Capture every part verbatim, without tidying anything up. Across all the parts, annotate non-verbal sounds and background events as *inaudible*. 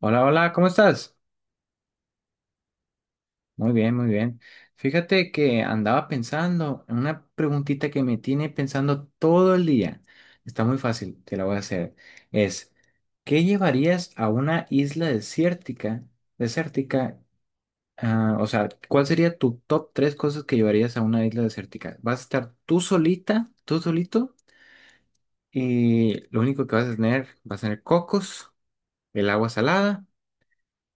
Hola, hola, ¿cómo estás? Muy bien, muy bien. Fíjate que andaba pensando en una preguntita que me tiene pensando todo el día. Está muy fácil, te la voy a hacer. Es, ¿qué llevarías a una isla desértica? Desértica, ah, o sea, ¿cuál sería tu top tres cosas que llevarías a una isla desértica? Vas a estar tú solita, tú solito, y lo único que vas a tener, vas a tener cocos, el agua salada.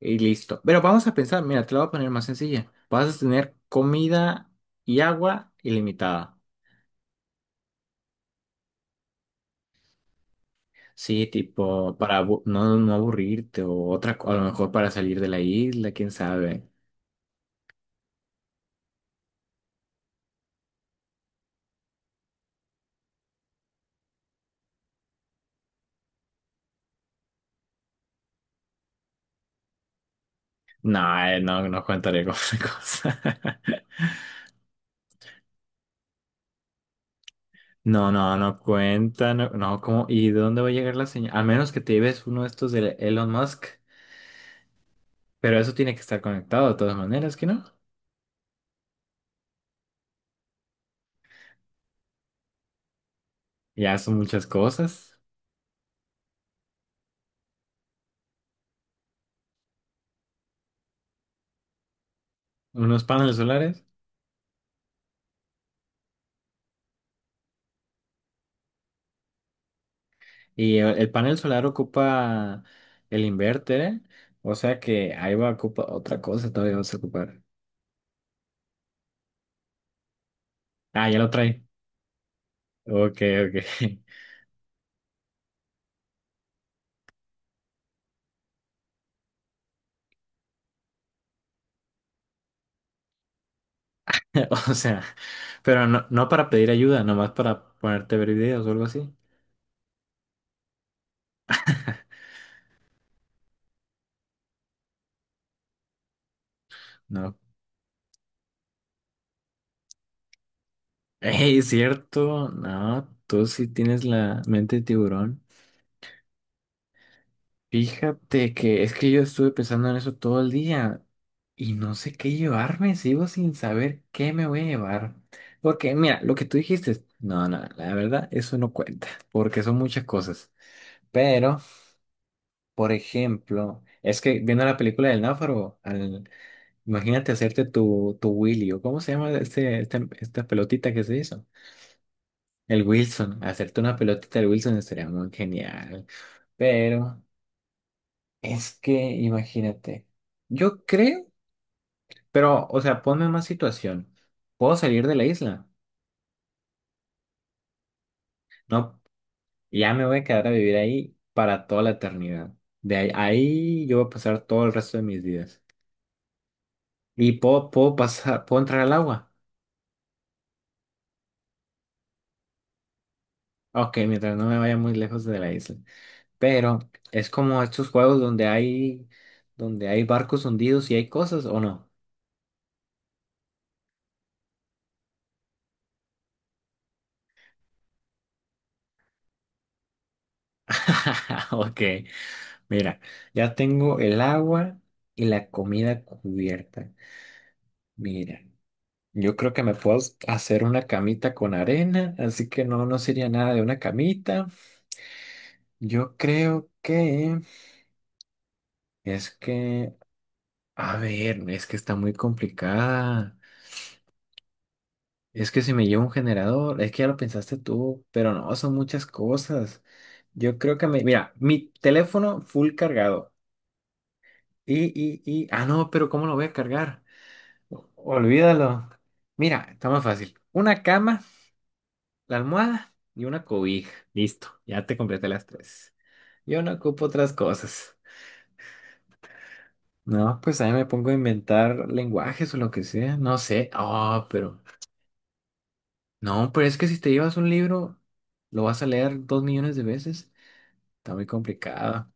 Y listo. Pero vamos a pensar, mira, te lo voy a poner más sencilla. Vas a tener comida y agua ilimitada. Sí, tipo, para abu- no, no aburrirte o otra, co- a lo mejor para salir de la isla, quién sabe. No, eh, no, no contaré con *laughs* cosa. No, no, no cuenta, no, no, ¿cómo? ¿Y de dónde va a llegar la señal? A menos que te lleves uno de estos de Elon Musk, pero eso tiene que estar conectado de todas maneras, ¿que no? Ya son muchas cosas, unos paneles solares. Y el, el panel solar ocupa el inverter, o sea que ahí va a ocupar otra cosa, todavía vas a ocupar. Ah, ya lo trae. Ok, ok. *laughs* O sea, pero no, no para pedir ayuda, nomás para ponerte a ver videos o algo así. *laughs* No. Ey, cierto. No, tú sí tienes la mente de tiburón. Fíjate que es que yo estuve pensando en eso todo el día y no sé qué llevarme, sigo sin saber qué me voy a llevar. Porque mira, lo que tú dijiste, no, no, la verdad, eso no cuenta, porque son muchas cosas. Pero, por ejemplo, es que viendo la película del náufrago, al- imagínate hacerte tu, tu Willy, o cómo se llama este, este- esta pelotita que se hizo. El Wilson, hacerte una pelotita del Wilson estaría muy genial. Pero... Es que imagínate. Yo creo, pero, o sea, ponme en más situación. Puedo salir de la isla. No, ya me voy a quedar a vivir ahí para toda la eternidad. De ahí, ahí yo voy a pasar todo el resto de mis días. Y puedo, puedo pasar, puedo entrar al agua. Ok, mientras no me vaya muy lejos de la isla. Pero es como estos juegos donde hay, donde hay barcos hundidos y hay cosas, ¿o no? *laughs* Ok, mira, ya tengo el agua y la comida cubierta. Mira, yo creo que me puedo hacer una camita con arena, así que no, no sería nada de una camita. Yo creo que es que, a ver, es que está muy complicada. Es que si me llevo un generador, es que ya lo pensaste tú, pero no, son muchas cosas. Yo creo que me, mira, mi teléfono full cargado. Y, y, y, ah, no, pero ¿cómo lo voy a cargar? O- Olvídalo. Mira, está más fácil. Una cama. La almohada y una cobija. Listo, ya te completé las tres. Yo no ocupo otras cosas. No, pues ahí me pongo a inventar lenguajes o lo que sea. No sé. Ah, pero. No, pero es que si te llevas un libro, lo vas a leer dos millones de veces. Está muy complicado.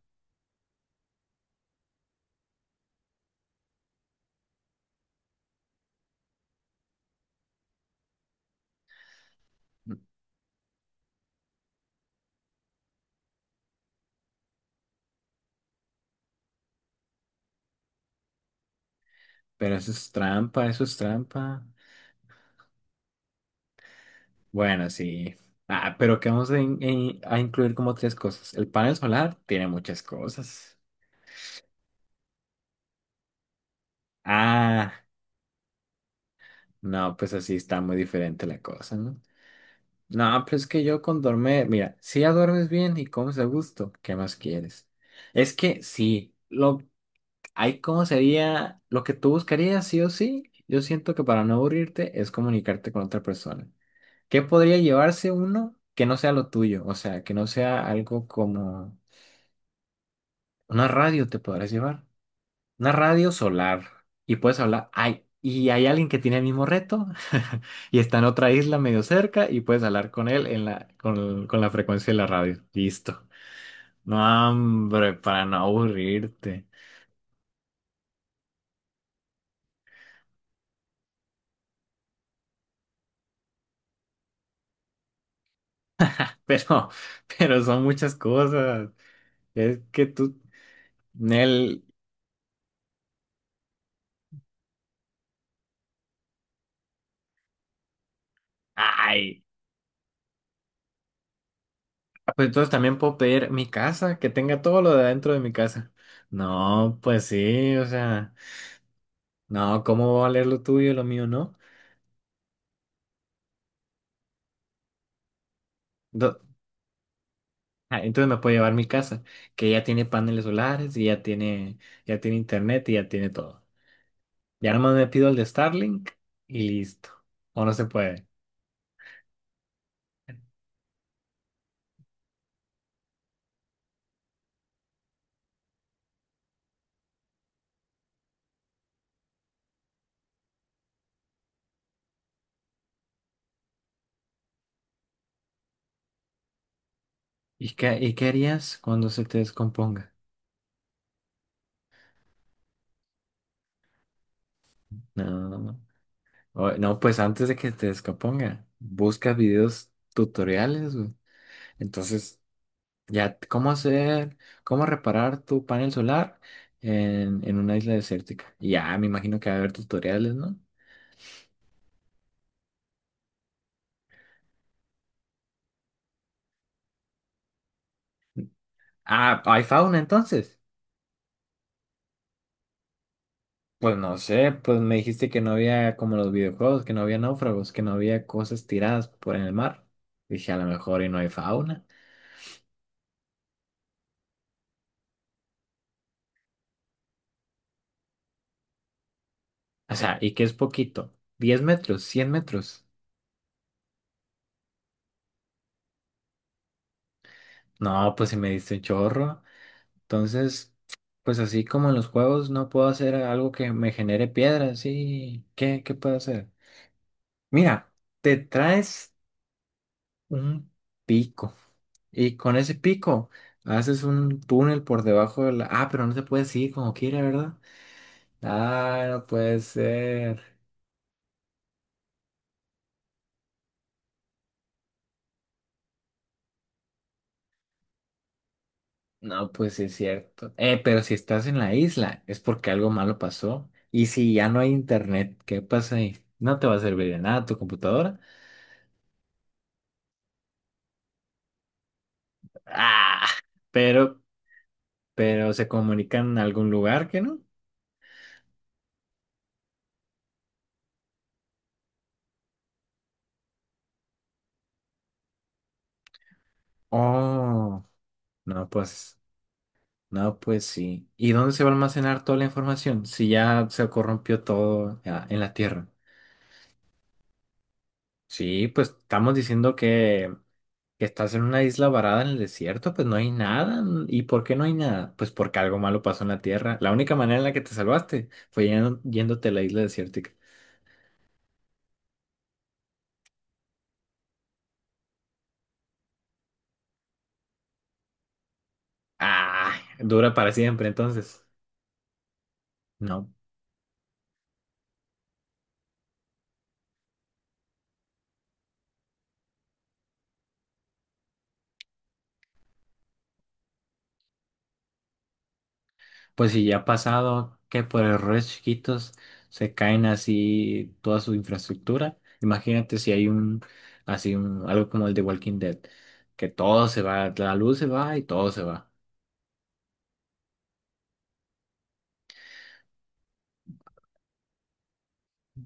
Pero eso es trampa, eso es trampa. Bueno, sí. Ah, pero qué vamos a, in- in- a incluir como tres cosas. El panel solar tiene muchas cosas. Ah, no, pues así está muy diferente la cosa, ¿no? No, pero es que yo con dormir, mira, si ya duermes bien y comes a gusto, ¿qué más quieres? Es que sí, lo, hay como sería, lo que tú buscarías sí o sí, yo siento que para no aburrirte es comunicarte con otra persona. ¿Qué podría llevarse uno que no sea lo tuyo? O sea, que no sea algo como una radio te podrás llevar. Una radio solar. Y puedes hablar. Ay, y hay alguien que tiene el mismo reto *laughs* y está en otra isla medio cerca y puedes hablar con él en la, con, con la frecuencia de la radio. Listo. No, hombre, para no aburrirte. *laughs* Pero, pero son muchas cosas. Es que tú, Nel, ay. Ah, pues entonces también puedo pedir mi casa, que tenga todo lo de adentro de mi casa. No, pues sí, o sea, no, ¿cómo va a valer lo tuyo y lo mío, no? Ah, entonces me puedo llevar mi casa, que ya tiene paneles solares y ya tiene, ya tiene internet y ya tiene todo. Ya nomás me pido el de Starlink y listo. O no se puede. ¿Y qué, y qué harías cuando se te descomponga? No, o- no, pues antes de que te descomponga, buscas videos tutoriales, güey. Entonces, ya, t- ¿cómo hacer, cómo reparar tu panel solar en, en una isla desértica? Y ya, me imagino que va a haber tutoriales, ¿no? Ah, hay fauna entonces. Pues no sé, pues me dijiste que no había como los videojuegos, que no había náufragos, que no había cosas tiradas por en el mar. Dije, a lo mejor y no hay fauna. O sea, ¿y qué es poquito? ¿Diez metros? ¿Cien metros? No, pues si me diste un chorro. Entonces, pues así como en los juegos, no puedo hacer algo que me genere piedras. ¿Sí? ¿Qué, qué puedo hacer? Mira, te traes un pico y con ese pico haces un túnel por debajo de la... Ah, pero no se puede seguir como quiera, ¿verdad? Ah, no puede ser. No, pues sí es cierto. Eh, pero si estás en la isla, es porque algo malo pasó. Y si ya no hay internet, ¿qué pasa ahí? No te va a servir de nada tu computadora. Ah, pero, pero se comunican en algún lugar que no. Oh, no, pues, no, pues sí. ¿Y dónde se va a almacenar toda la información si ya se corrompió todo ah, en la Tierra? Sí, pues estamos diciendo que que estás en una isla varada en el desierto, pues no hay nada. ¿No? ¿Y por qué no hay nada? Pues porque algo malo pasó en la Tierra. La única manera en la que te salvaste fue yendo- yéndote a la isla desértica. Ah, dura para siempre entonces. No. Pues si ya ha pasado que por errores chiquitos se caen así toda su infraestructura. Imagínate si hay un, así un, algo como el de Walking Dead, que todo se va, la luz se va y todo se va.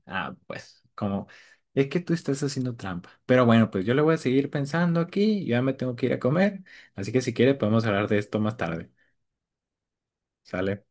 Ah, pues, como es que tú estás haciendo trampa. Pero bueno, pues yo le voy a seguir pensando aquí, yo ya me tengo que ir a comer, así que si quieres podemos hablar de esto más tarde. ¿Sale?